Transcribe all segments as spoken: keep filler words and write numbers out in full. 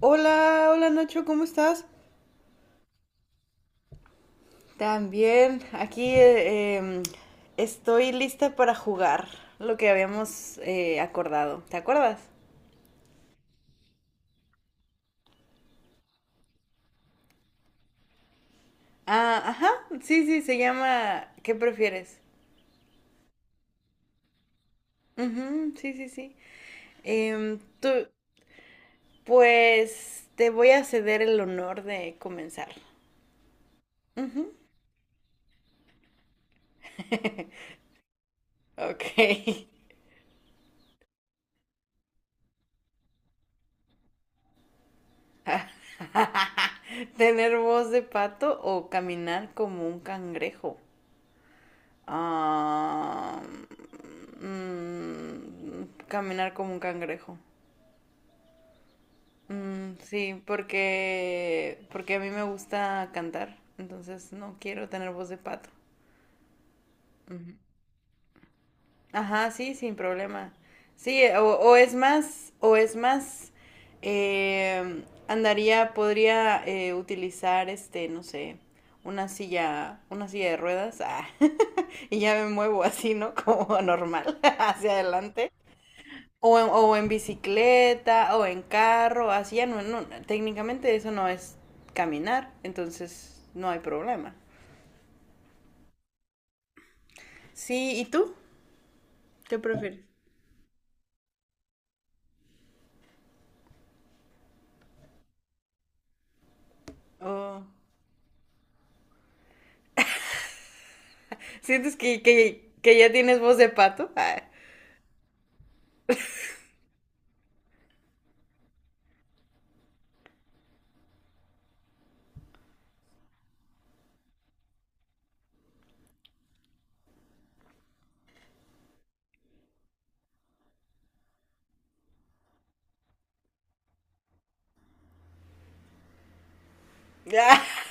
Hola, hola Nacho, ¿cómo estás? También, aquí eh, em, estoy lista para jugar lo que habíamos eh, acordado. ¿Te acuerdas? Ah, ajá, sí, sí, se llama ¿Qué prefieres? Ujú, sí, sí, sí. Em, tú, pues te voy a ceder el honor de comenzar. Ujú. Ok. ¿Tener voz de pato o caminar como un cangrejo? Ah, mm, caminar como un cangrejo. Mm, sí, porque, porque a mí me gusta cantar, entonces no quiero tener voz de pato. Ajá, sí, sin problema. Sí, o, o es más, o es más, eh, andaría, podría eh, utilizar, este, no sé, una silla, una silla de ruedas, ah, y ya me muevo así, ¿no? Como normal, hacia adelante. O en, o en bicicleta, o en carro, así ya no, no, técnicamente eso no es caminar, entonces no hay problema. Sí, ¿y tú? ¿Qué prefieres? Oh. ¿Sientes que, que, que ya tienes voz de pato? Ah. Ah,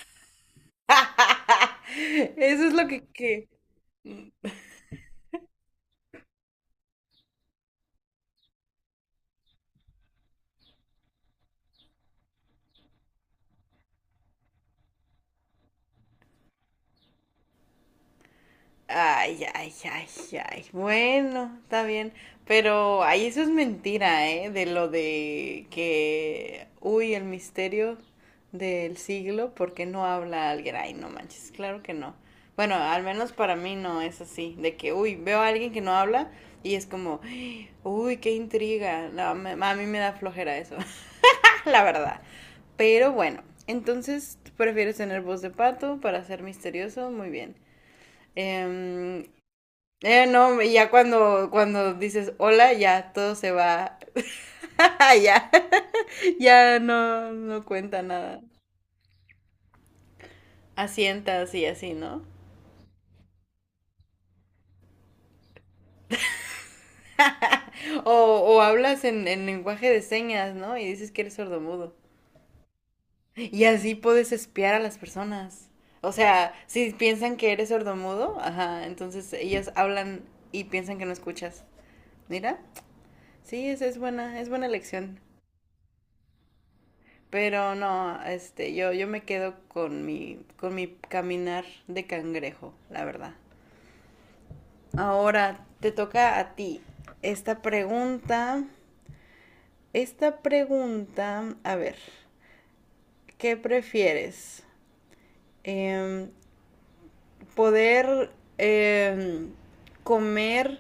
eso es lo que, que, ay, ay, ay, ay. Bueno, está bien. Pero, ay, eso es mentira, ¿eh? De lo de que, uy, el misterio del siglo, ¿porque no habla alguien? Ay, no manches, claro que no. Bueno, al menos para mí no es así. De que, uy, veo a alguien que no habla y es como, uy, qué intriga. No, me- a mí me da flojera eso, la verdad. Pero bueno, entonces, ¿tú prefieres tener voz de pato para ser misterioso? Muy bien. Em, eh, no, y ya cuando, cuando dices hola, ya todo se va. Ya, ya no, no cuenta nada. Asientas y así, ¿no? O, o hablas en, en lenguaje de señas, ¿no? Y dices que eres sordomudo. Y así puedes espiar a las personas. O sea, si piensan que eres sordomudo, ajá, entonces ellas hablan y piensan que no escuchas. Mira, sí, esa es buena, es buena lección. Pero no, este, yo, yo me quedo con mi, con mi caminar de cangrejo, la verdad. Ahora te toca a ti esta pregunta. Esta pregunta, a ver, ¿qué prefieres? Em, poder eh, comer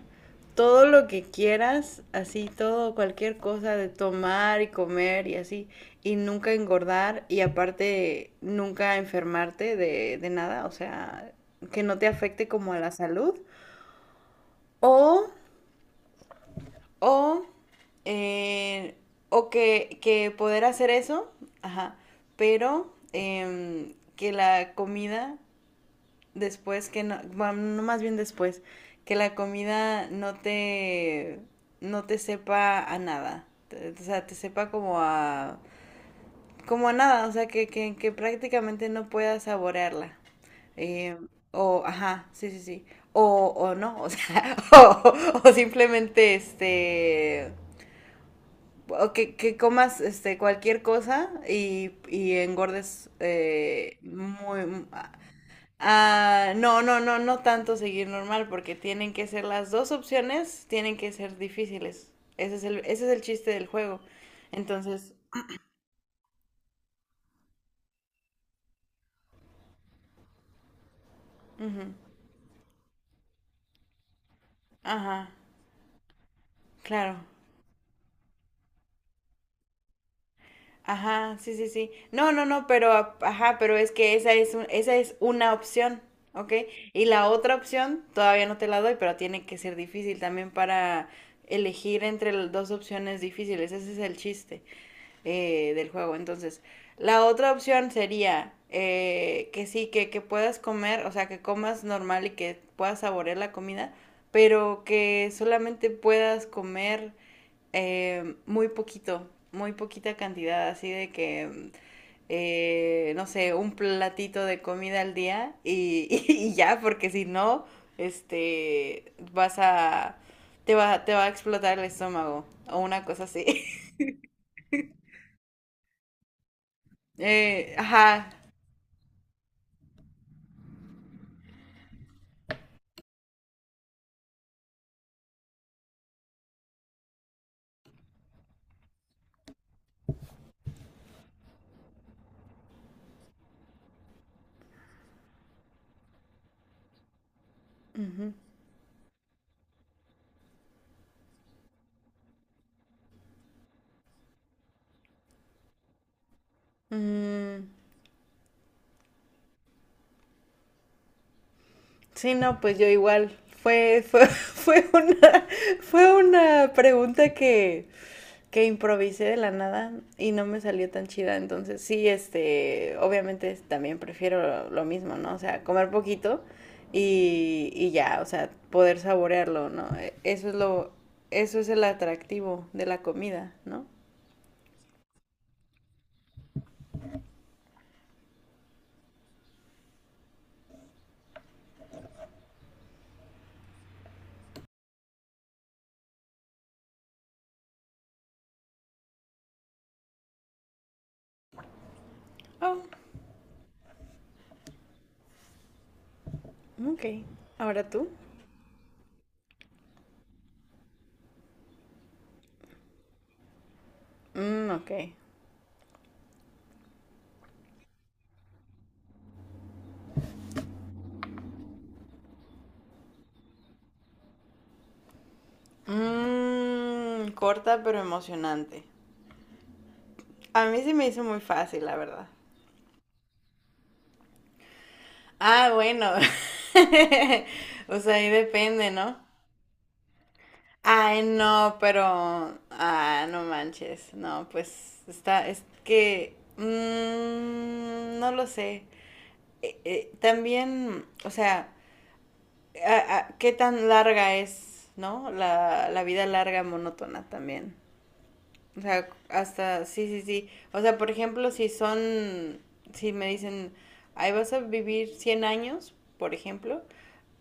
todo lo que quieras, así todo, cualquier cosa de tomar y comer y así, y nunca engordar y aparte nunca enfermarte de, de nada, o sea, que no te afecte como a la salud, o, o, eh, o que, que poder hacer eso, ajá, pero em, que la comida después que no, bueno, no más bien después, que la comida no te, no te sepa a nada. O sea, te sepa como a, como a nada, o sea, que, que, que prácticamente no puedas saborearla. Eh, o, ajá, sí, sí, sí. O, o no, o sea, o, o simplemente este o que, que comas este cualquier cosa y, y engordes eh, muy. Ah, no, no, no, no tanto seguir normal, porque tienen que ser las dos opciones, tienen que ser difíciles. Ese es el, ese es el chiste del juego. Entonces, ujú, ajá, claro. Ajá, sí, sí, sí. No, no, no, pero, a- ajá, pero es que esa es, un- esa es una opción, ¿ok? Y la otra opción todavía no te la doy, pero tiene que ser difícil también para elegir entre las dos opciones difíciles. Ese es el chiste eh, del juego. Entonces, la otra opción sería eh, que sí, que, que puedas comer, o sea, que comas normal y que puedas saborear la comida, pero que solamente puedas comer eh, muy poquito, muy poquita cantidad, así de que, eh, no sé, un platito de comida al día y, y y ya, porque si no, este, vas a, te va, te va a explotar el estómago o una cosa así. Eh, ajá. Ujú. Mm, sí, no, pues yo igual. Fue, fue, fue una, fue una pregunta que, que improvisé de la nada y no me salió tan chida. Entonces, sí, este, obviamente es- también prefiero lo mismo, ¿no? O sea, comer poquito y, y ya, o sea, poder saborearlo, ¿no? E- Eso es lo, eso es el atractivo de la comida, ¿no? Oh, ok. Ahora tú. Mm, ok. Mmm, corta pero emocionante. A mí se me hizo muy fácil, la verdad. Ah, bueno. O sea, ahí depende, ¿no? Ay, no, pero... Ah, no manches. No, pues está... Es que... mm, no lo sé. Eh, eh, también, o sea, a- a- ¿qué tan larga es, ¿no? La, la vida larga monótona también. O sea, hasta, sí, sí, sí. O sea, por ejemplo, si son, si me dicen, ahí vas a vivir cien años, por ejemplo,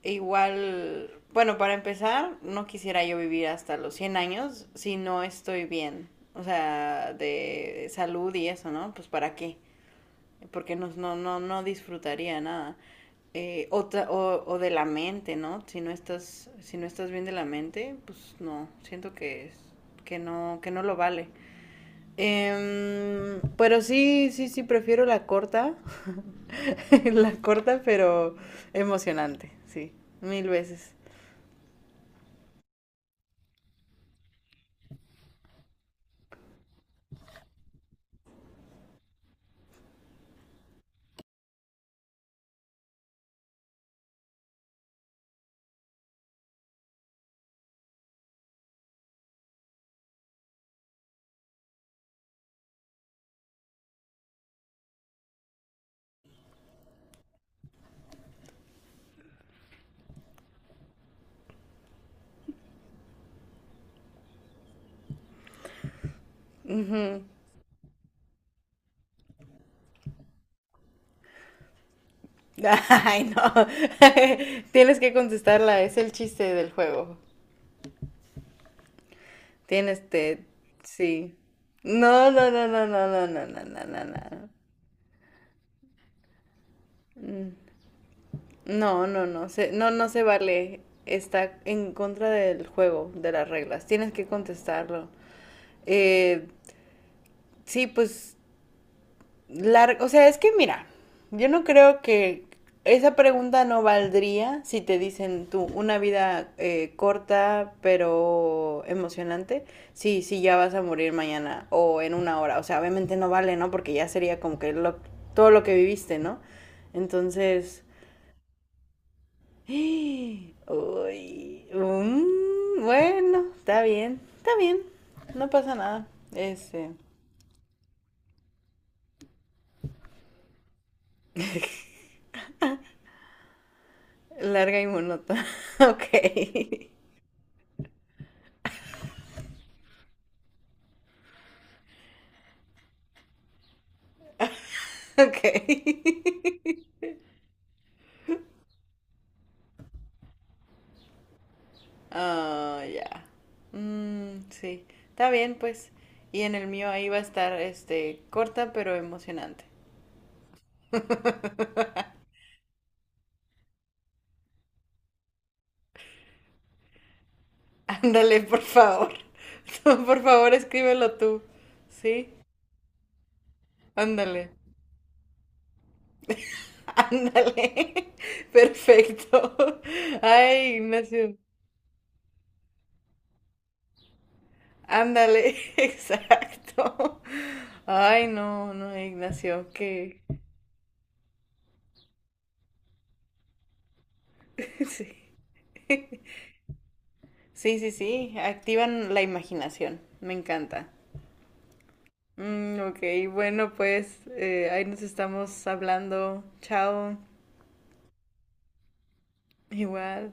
igual, bueno, para empezar, no quisiera yo vivir hasta los cien años si no estoy bien. O sea, de salud y eso, ¿no? Pues para qué. Porque no, no, no, no disfrutaría nada. Eh, o, ta- o, o de la mente, ¿no? Si no estás, si no estás bien de la mente, pues no, siento que, es- que no, que no lo vale. Em, pero sí, sí, sí, prefiero la corta. La corta, pero emocionante, sí, mil veces. Ay, no. Tienes que contestarla, es el chiste del juego. Tienes te, sí. No, no, no, no, no, no, no, no, no, no, no. No, no, no, se, no, no se vale. Está en contra del juego, de las reglas. Tienes que contestarlo. Eh, sí, pues. La- o sea, es que mira, yo no creo que esa pregunta no valdría si te dicen tú una vida eh, corta pero emocionante. Sí, sí, ya vas a morir mañana o en una hora. O sea, obviamente no vale, ¿no? Porque ya sería como que lo- todo lo que viviste, ¿no? Entonces, uy, mm, bueno, está bien, está bien, no pasa nada. Este, larga y monótona. Ok. Ok. Ah, oh, ya. Mm, sí. Está bien, pues. Y en el mío ahí va a estar, este, corta pero emocionante. Ándale, por favor. Por favor, escríbelo tú. ¿Sí? Ándale. Ándale. Perfecto. Ay, Ignacio. Ándale. Exacto. Ay, no, no, Ignacio, que... Sí. Sí, sí, sí, activan la imaginación, me encanta. Mm, ok, bueno, pues eh, ahí nos estamos hablando. Chao, igual.